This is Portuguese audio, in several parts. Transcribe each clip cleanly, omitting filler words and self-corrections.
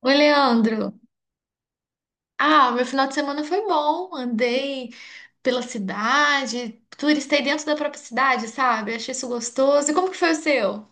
Oi, Leandro. Ah, meu final de semana foi bom. Andei pela cidade, turistei dentro da própria cidade, sabe? Achei isso gostoso. E como que foi o seu?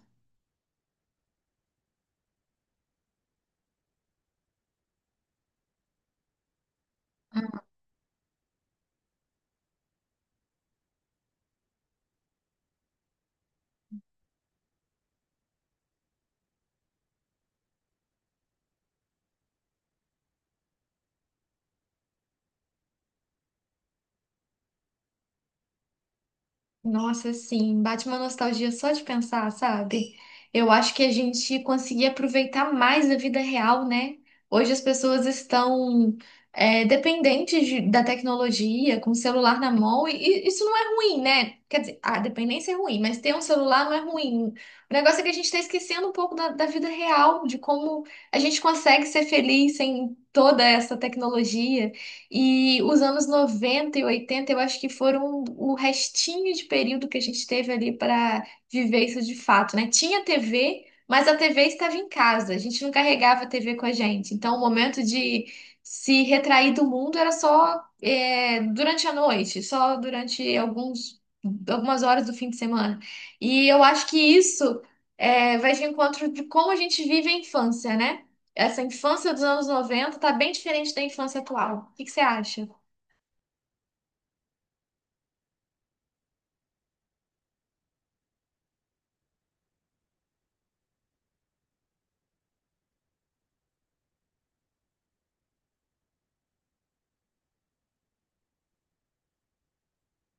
Nossa, sim, bate uma nostalgia só de pensar, sabe? Eu acho que a gente conseguia aproveitar mais a vida real, né? Hoje as pessoas estão da tecnologia, com o celular na mão, e isso não é ruim, né? Quer dizer, a dependência é ruim, mas ter um celular não é ruim. O negócio é que a gente está esquecendo um pouco da vida real, de como a gente consegue ser feliz sem toda essa tecnologia. E os anos 90 e 80 eu acho que foram o restinho de período que a gente teve ali para viver isso de fato, né? Tinha TV, mas a TV estava em casa, a gente não carregava a TV com a gente. Então, o momento de se retrair do mundo era só durante a noite, só durante algumas horas do fim de semana. E eu acho que isso vai de encontro de como a gente vive a infância, né? Essa infância dos anos 90 tá bem diferente da infância atual. O que que você acha?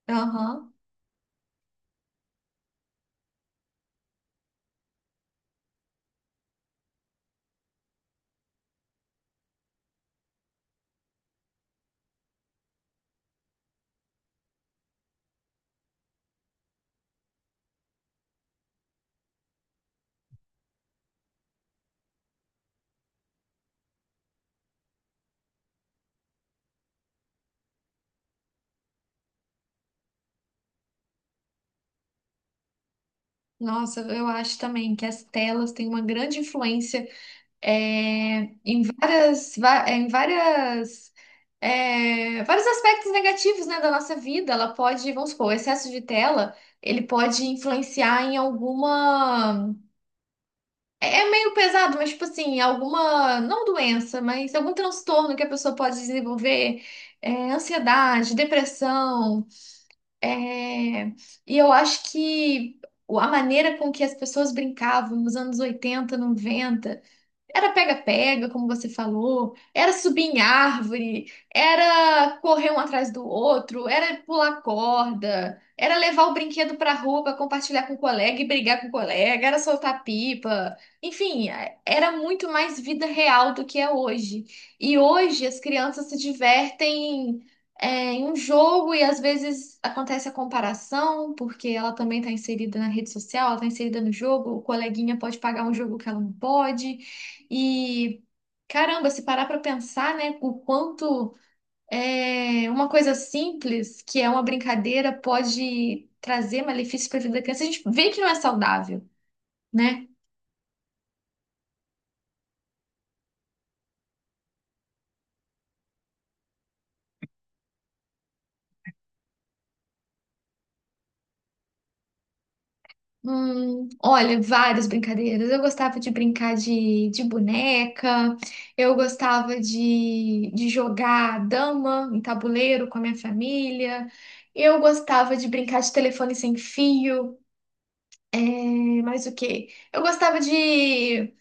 Aham. Nossa, eu acho também que as telas têm uma grande influência em várias, vários aspectos negativos, né, da nossa vida. Ela pode, vamos supor, o excesso de tela, ele pode influenciar em alguma... É é meio pesado, mas tipo assim, alguma, não doença, mas algum transtorno que a pessoa pode desenvolver, ansiedade, depressão, É, e eu acho que a maneira com que as pessoas brincavam nos anos 80 90 era pega-pega, como você falou, era subir em árvore, era correr um atrás do outro, era pular corda, era levar o brinquedo pra rua pra compartilhar com o colega e brigar com o colega, era soltar pipa. Enfim, era muito mais vida real do que é hoje. E hoje as crianças se divertem em um jogo e às vezes acontece a comparação, porque ela também está inserida na rede social, ela está inserida no jogo, o coleguinha pode pagar um jogo que ela não pode. E caramba, se parar para pensar, né, o quanto uma coisa simples, que é uma brincadeira, pode trazer malefícios para a vida da criança, a gente vê que não é saudável, né? Olha, várias brincadeiras. Eu gostava de brincar de boneca, eu gostava de jogar dama em tabuleiro com a minha família, eu gostava de brincar de telefone sem fio, e mais o quê? Eu gostava de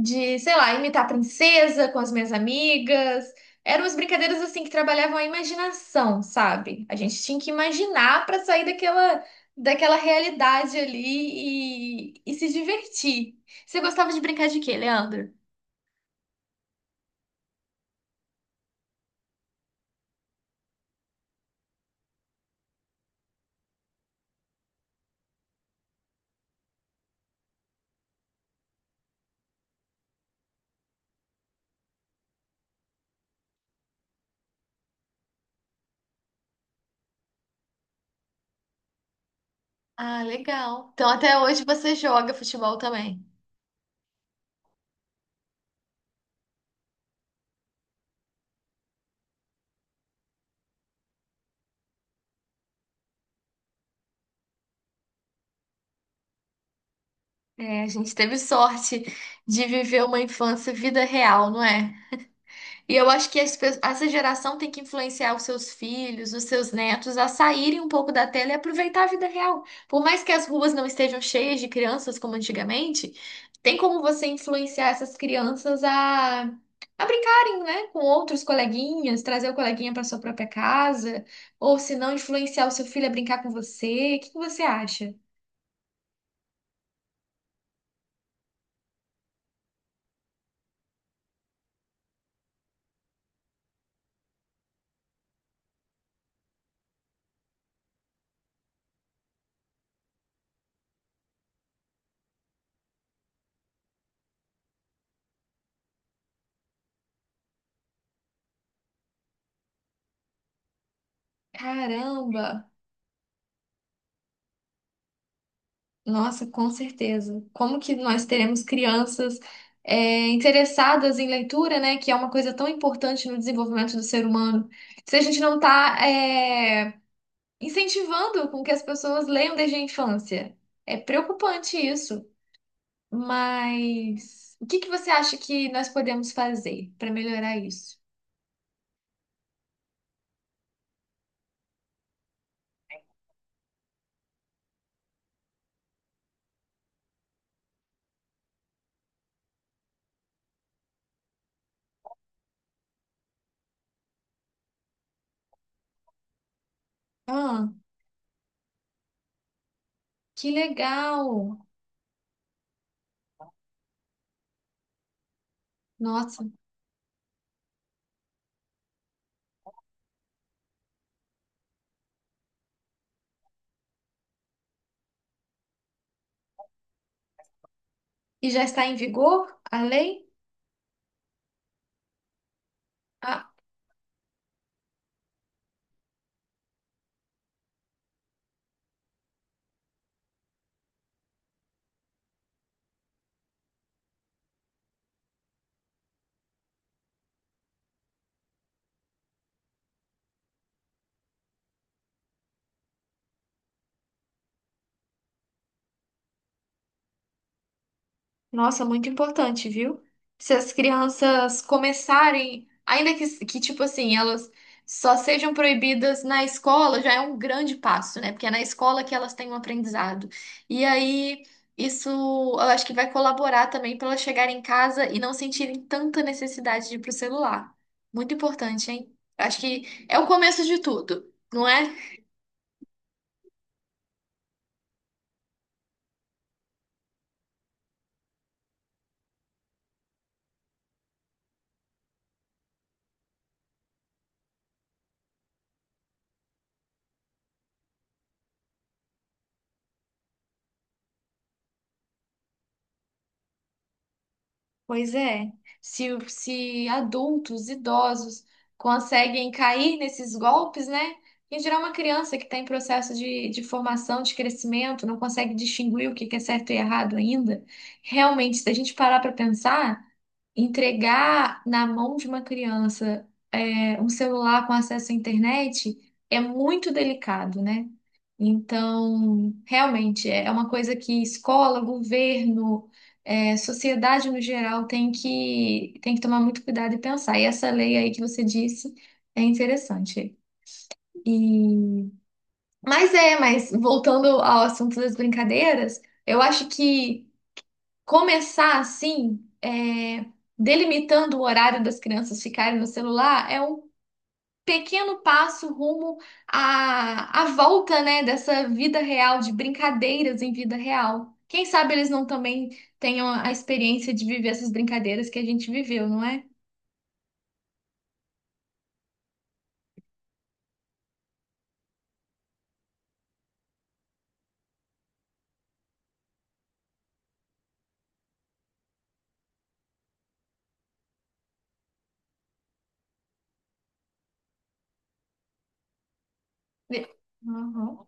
de, sei lá, imitar a princesa com as minhas amigas. Eram umas brincadeiras assim que trabalhavam a imaginação, sabe? A gente tinha que imaginar para sair daquela realidade ali e se divertir. Você gostava de brincar de quê, Leandro? Ah, legal. Então até hoje você joga futebol também. É, a gente teve sorte de viver uma infância vida real, não é? E eu acho que essa geração tem que influenciar os seus filhos, os seus netos a saírem um pouco da tela e aproveitar a vida real. Por mais que as ruas não estejam cheias de crianças como antigamente, tem como você influenciar essas crianças a brincarem, né, com outros coleguinhas, trazer o coleguinha para sua própria casa, ou se não, influenciar o seu filho a brincar com você. O que que você acha? Caramba! Nossa, com certeza. Como que nós teremos crianças interessadas em leitura, né? Que é uma coisa tão importante no desenvolvimento do ser humano. Se a gente não está incentivando com que as pessoas leiam desde a infância. É preocupante isso. Mas o que que você acha que nós podemos fazer para melhorar isso? Ah, que legal! Nossa. E já está em vigor a lei? Ah, nossa, muito importante, viu? Se as crianças começarem, ainda que tipo assim, elas só sejam proibidas na escola, já é um grande passo, né? Porque é na escola que elas têm um aprendizado. E aí, isso eu acho que vai colaborar também para elas chegarem em casa e não sentirem tanta necessidade de ir pro celular. Muito importante, hein? Acho que é o começo de tudo, não é? Pois é, se adultos, idosos conseguem cair nesses golpes, né? Em geral, uma criança que está em processo de formação, de crescimento, não consegue distinguir o que que é certo e errado ainda. Realmente, se a gente parar para pensar entregar na mão de uma criança um celular com acesso à internet é muito delicado, né? Então, realmente, é uma coisa que escola, governo, sociedade no geral tem tem que tomar muito cuidado e pensar. E essa lei aí que você disse é interessante. E... mas voltando ao assunto das brincadeiras, eu acho que começar assim, delimitando o horário das crianças ficarem no celular, é um pequeno passo rumo à volta, né, dessa vida real, de brincadeiras em vida real. Quem sabe eles não também tenham a experiência de viver essas brincadeiras que a gente viveu, não é? E- Uhum.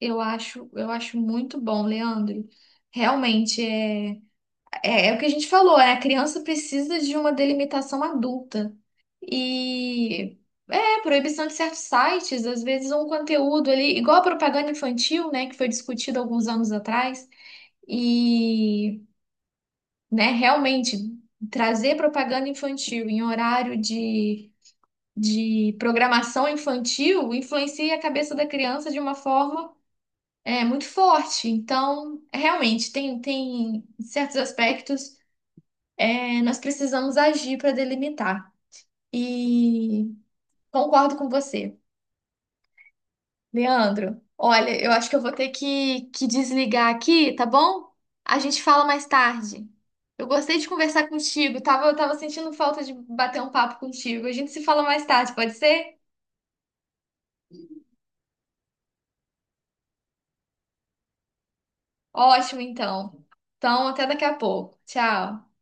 Eu acho muito bom, Leandro. Realmente é. É o que a gente falou, a criança precisa de uma delimitação adulta. E proibição de certos sites, às vezes um conteúdo ali, igual a propaganda infantil, né, que foi discutida alguns anos atrás, e, né, realmente trazer propaganda infantil em horário de programação infantil influencia a cabeça da criança de uma forma muito forte. Então, realmente, tem certos aspectos nós precisamos agir para delimitar. E concordo com você, Leandro. Olha, eu acho que eu vou ter que desligar aqui, tá bom? A gente fala mais tarde. Eu gostei de conversar contigo, eu tava sentindo falta de bater um papo contigo. A gente se fala mais tarde, pode ser? Ótimo, então. Então, até daqui a pouco. Tchau.